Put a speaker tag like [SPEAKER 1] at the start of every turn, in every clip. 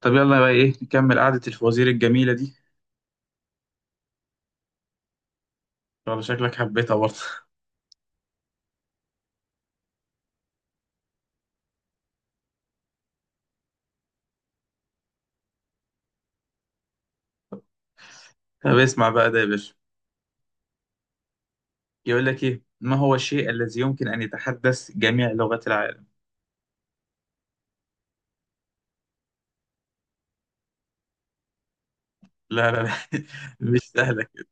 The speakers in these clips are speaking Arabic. [SPEAKER 1] طب يلا بقى ايه نكمل قعدة الفوازير الجميلة دي. والله شكلك حبيتها برضه. طب اسمع بقى ده يا باشا. يقول لك ايه، ما هو الشيء الذي يمكن ان يتحدث جميع لغات العالم؟ لا لا لا. مش سهلة كده.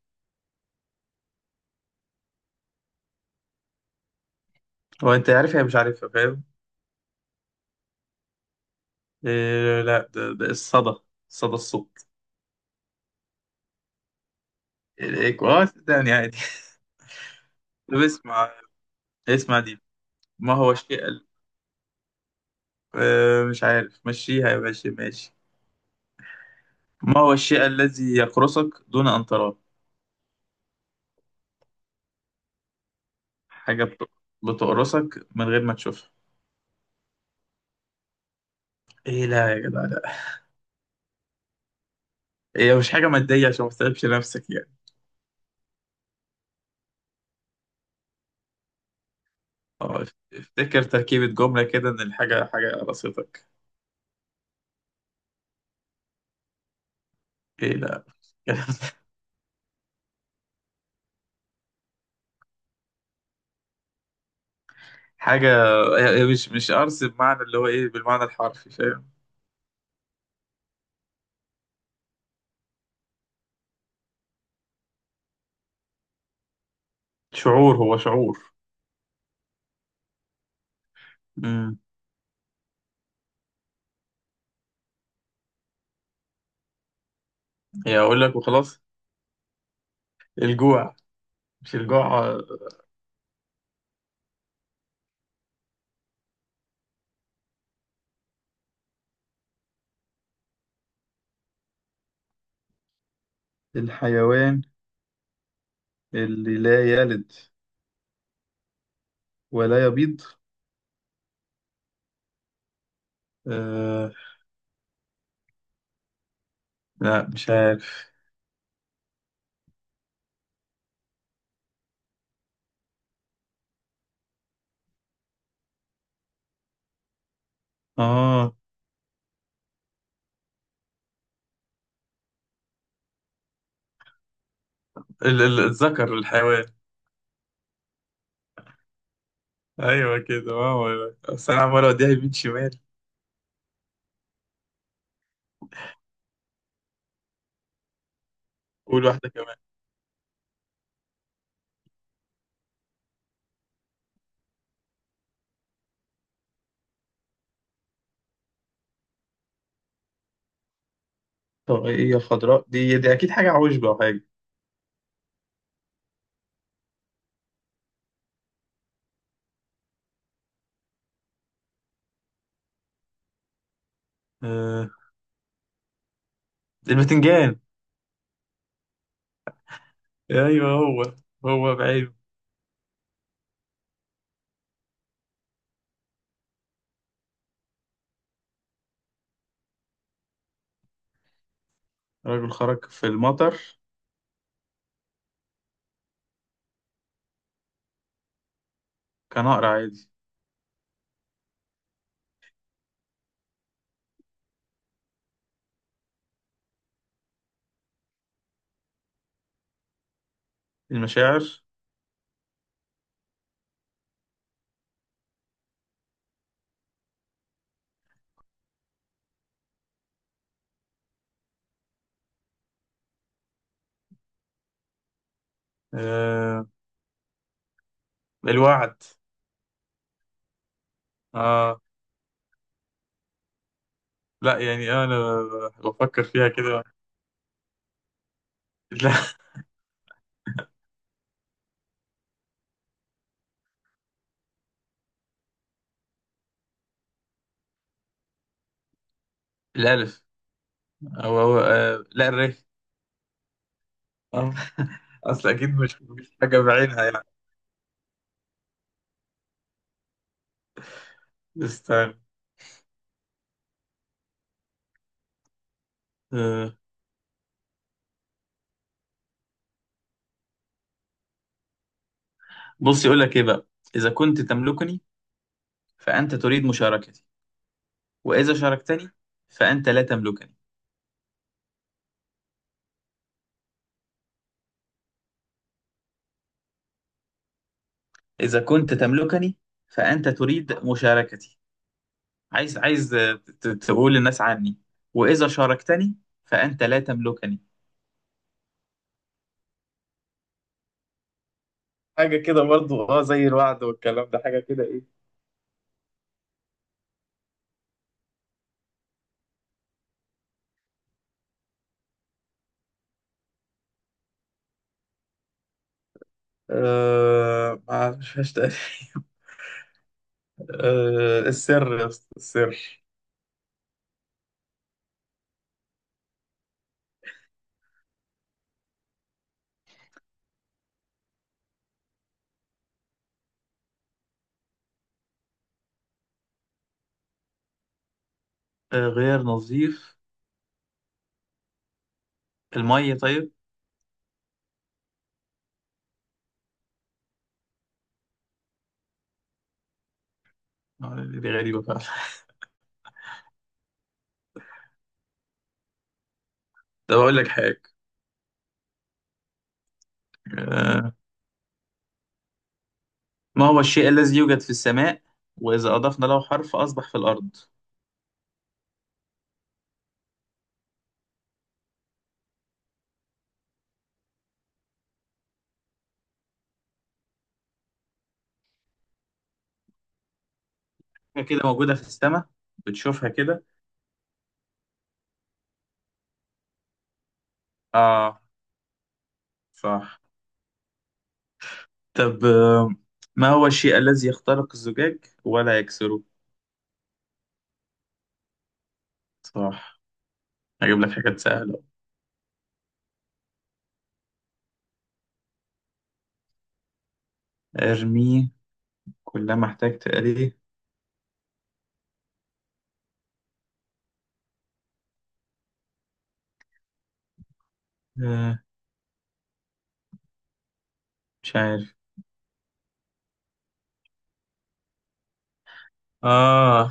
[SPEAKER 1] هو انت عارفها مش عارفها فاهم؟ إيه لا، ده الصدى. صدى الصوت. الايكو، صدقني عادي. طب اسمع. اسمع دي. ما هو الشيء مش عارف مشيها يا باشا، ماشي. ما هو الشيء الذي يقرصك دون ان تراه؟ حاجة بتقرصك من غير ما تشوفها. ايه لا يا جدع لا. هي مش حاجة مادية عشان ما تتعبش نفسك يعني. اه افتكر تركيبة جملة كده، ان الحاجة حاجة قراصتك. ايه لا. حاجة هي مش قرص بمعنى اللي هو ايه، بالمعنى الحرفي فاهم؟ شعور، هو شعور. امم هي اقول لك وخلاص. الجوع. مش الجوع الحيوان اللي لا يلد ولا يبيض. آه لا مش عارف. اه الذكر الحيوان. ايوه كده، ما هو. بس انا عمال اوديها يمين شمال. قول واحدة كمان. طاقية خضراء دي أكيد حاجة عوشبة أو حاجة. آه، البتنجان. أيوه هو. هو بعيب. رجل خرج في المطر. كان أقرع عادي. المشاعر. آه، الوعد. آه، لا يعني أنا بفكر فيها كده. لا، الألف. أو هو، آه لا آه. أصل أكيد مش حاجة بعينها يعني. استنى. آه. بص، يقول لك إيه بقى. إذا كنت تملكني فأنت تريد مشاركتي، وإذا شاركتني فأنت لا تملكني. إذا كنت تملكني فأنت تريد مشاركتي. عايز تقول للناس عني. وإذا شاركتني فأنت لا تملكني. حاجة كده برضو، زي الوعد والكلام ده، حاجة كده ايه. آه، ما عرفش تقريبا. آه، السر يا اسطى، السر. آه، غير نظيف. المية طيب. آه، دي غريبة فعلا. طب أقول لك حاجة. آه، ما هو الشيء الذي يوجد في السماء وإذا أضفنا له حرف أصبح في الأرض؟ حاجة كده موجودة في السماء، بتشوفها كده. آه صح. طب، ما هو الشيء الذي يخترق الزجاج ولا يكسره؟ صح. هجيب لك حاجات سهلة. ارميه كلما احتجت اليه. آه، مش عارف. آه،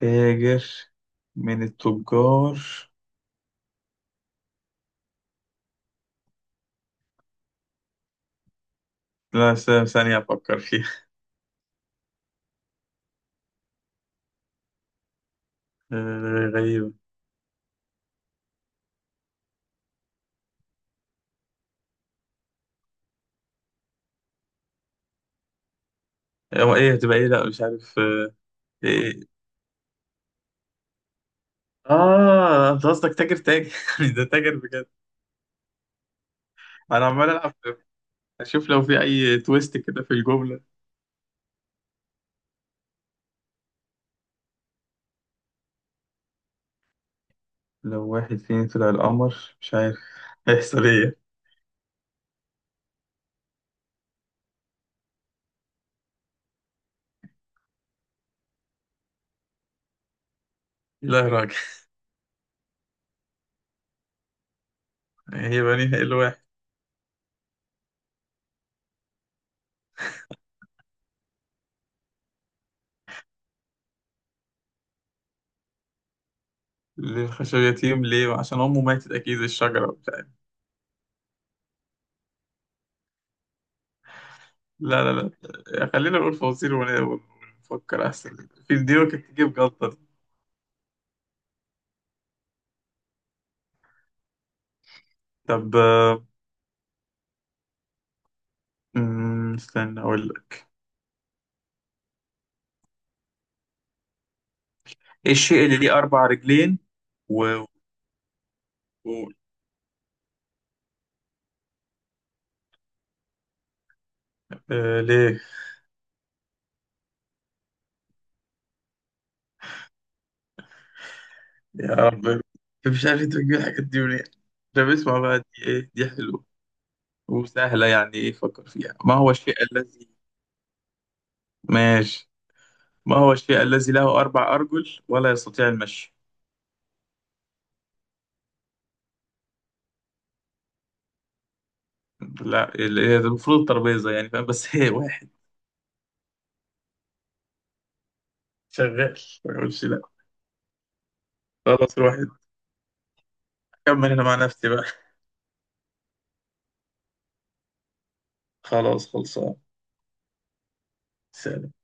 [SPEAKER 1] تاجر من التجار. لا، ثانية أفكر فيها. آه غريبة. هو إيه هتبقى، إيه لا مش عارف آه. إيه. آه، أنت قصدك تاجر تاجر. ده تاجر بجد. أنا عمال ألعب. اشوف لو في اي تويست كده في الجملة. لو واحد فينا طلع القمر، مش عارف هيحصل ايه. لا يا راجل. هيبقى نهائي الواحد. للخشب. ليه؟ عشان امه ماتت اكيد، الشجرة وبتاع. لا لا لا. آه، خلينا نقول فوازير ونفكر احسن. في دي ممكن تجيب جلطة دي. طب، استنى اقول لك. ايه الشيء اللي ليه اربع رجلين و... و... آه ليه؟ يا رب، مش عارف تجيب الحاجات دي منين. طب اسمع بقى دي، ايه دي، حلوة وسهلة. يعني إيه، فكر فيها، ما هو الشيء الذي. ماشي. ما هو الشيء الذي له أربع أرجل ولا يستطيع المشي؟ لا، هي المفروض الترابيزة يعني فاهم، بس هي واحد شغال. ما يقولش لا. خلاص الواحد. كمل أنا مع نفسي بقى. خلاص خلصان. سلام.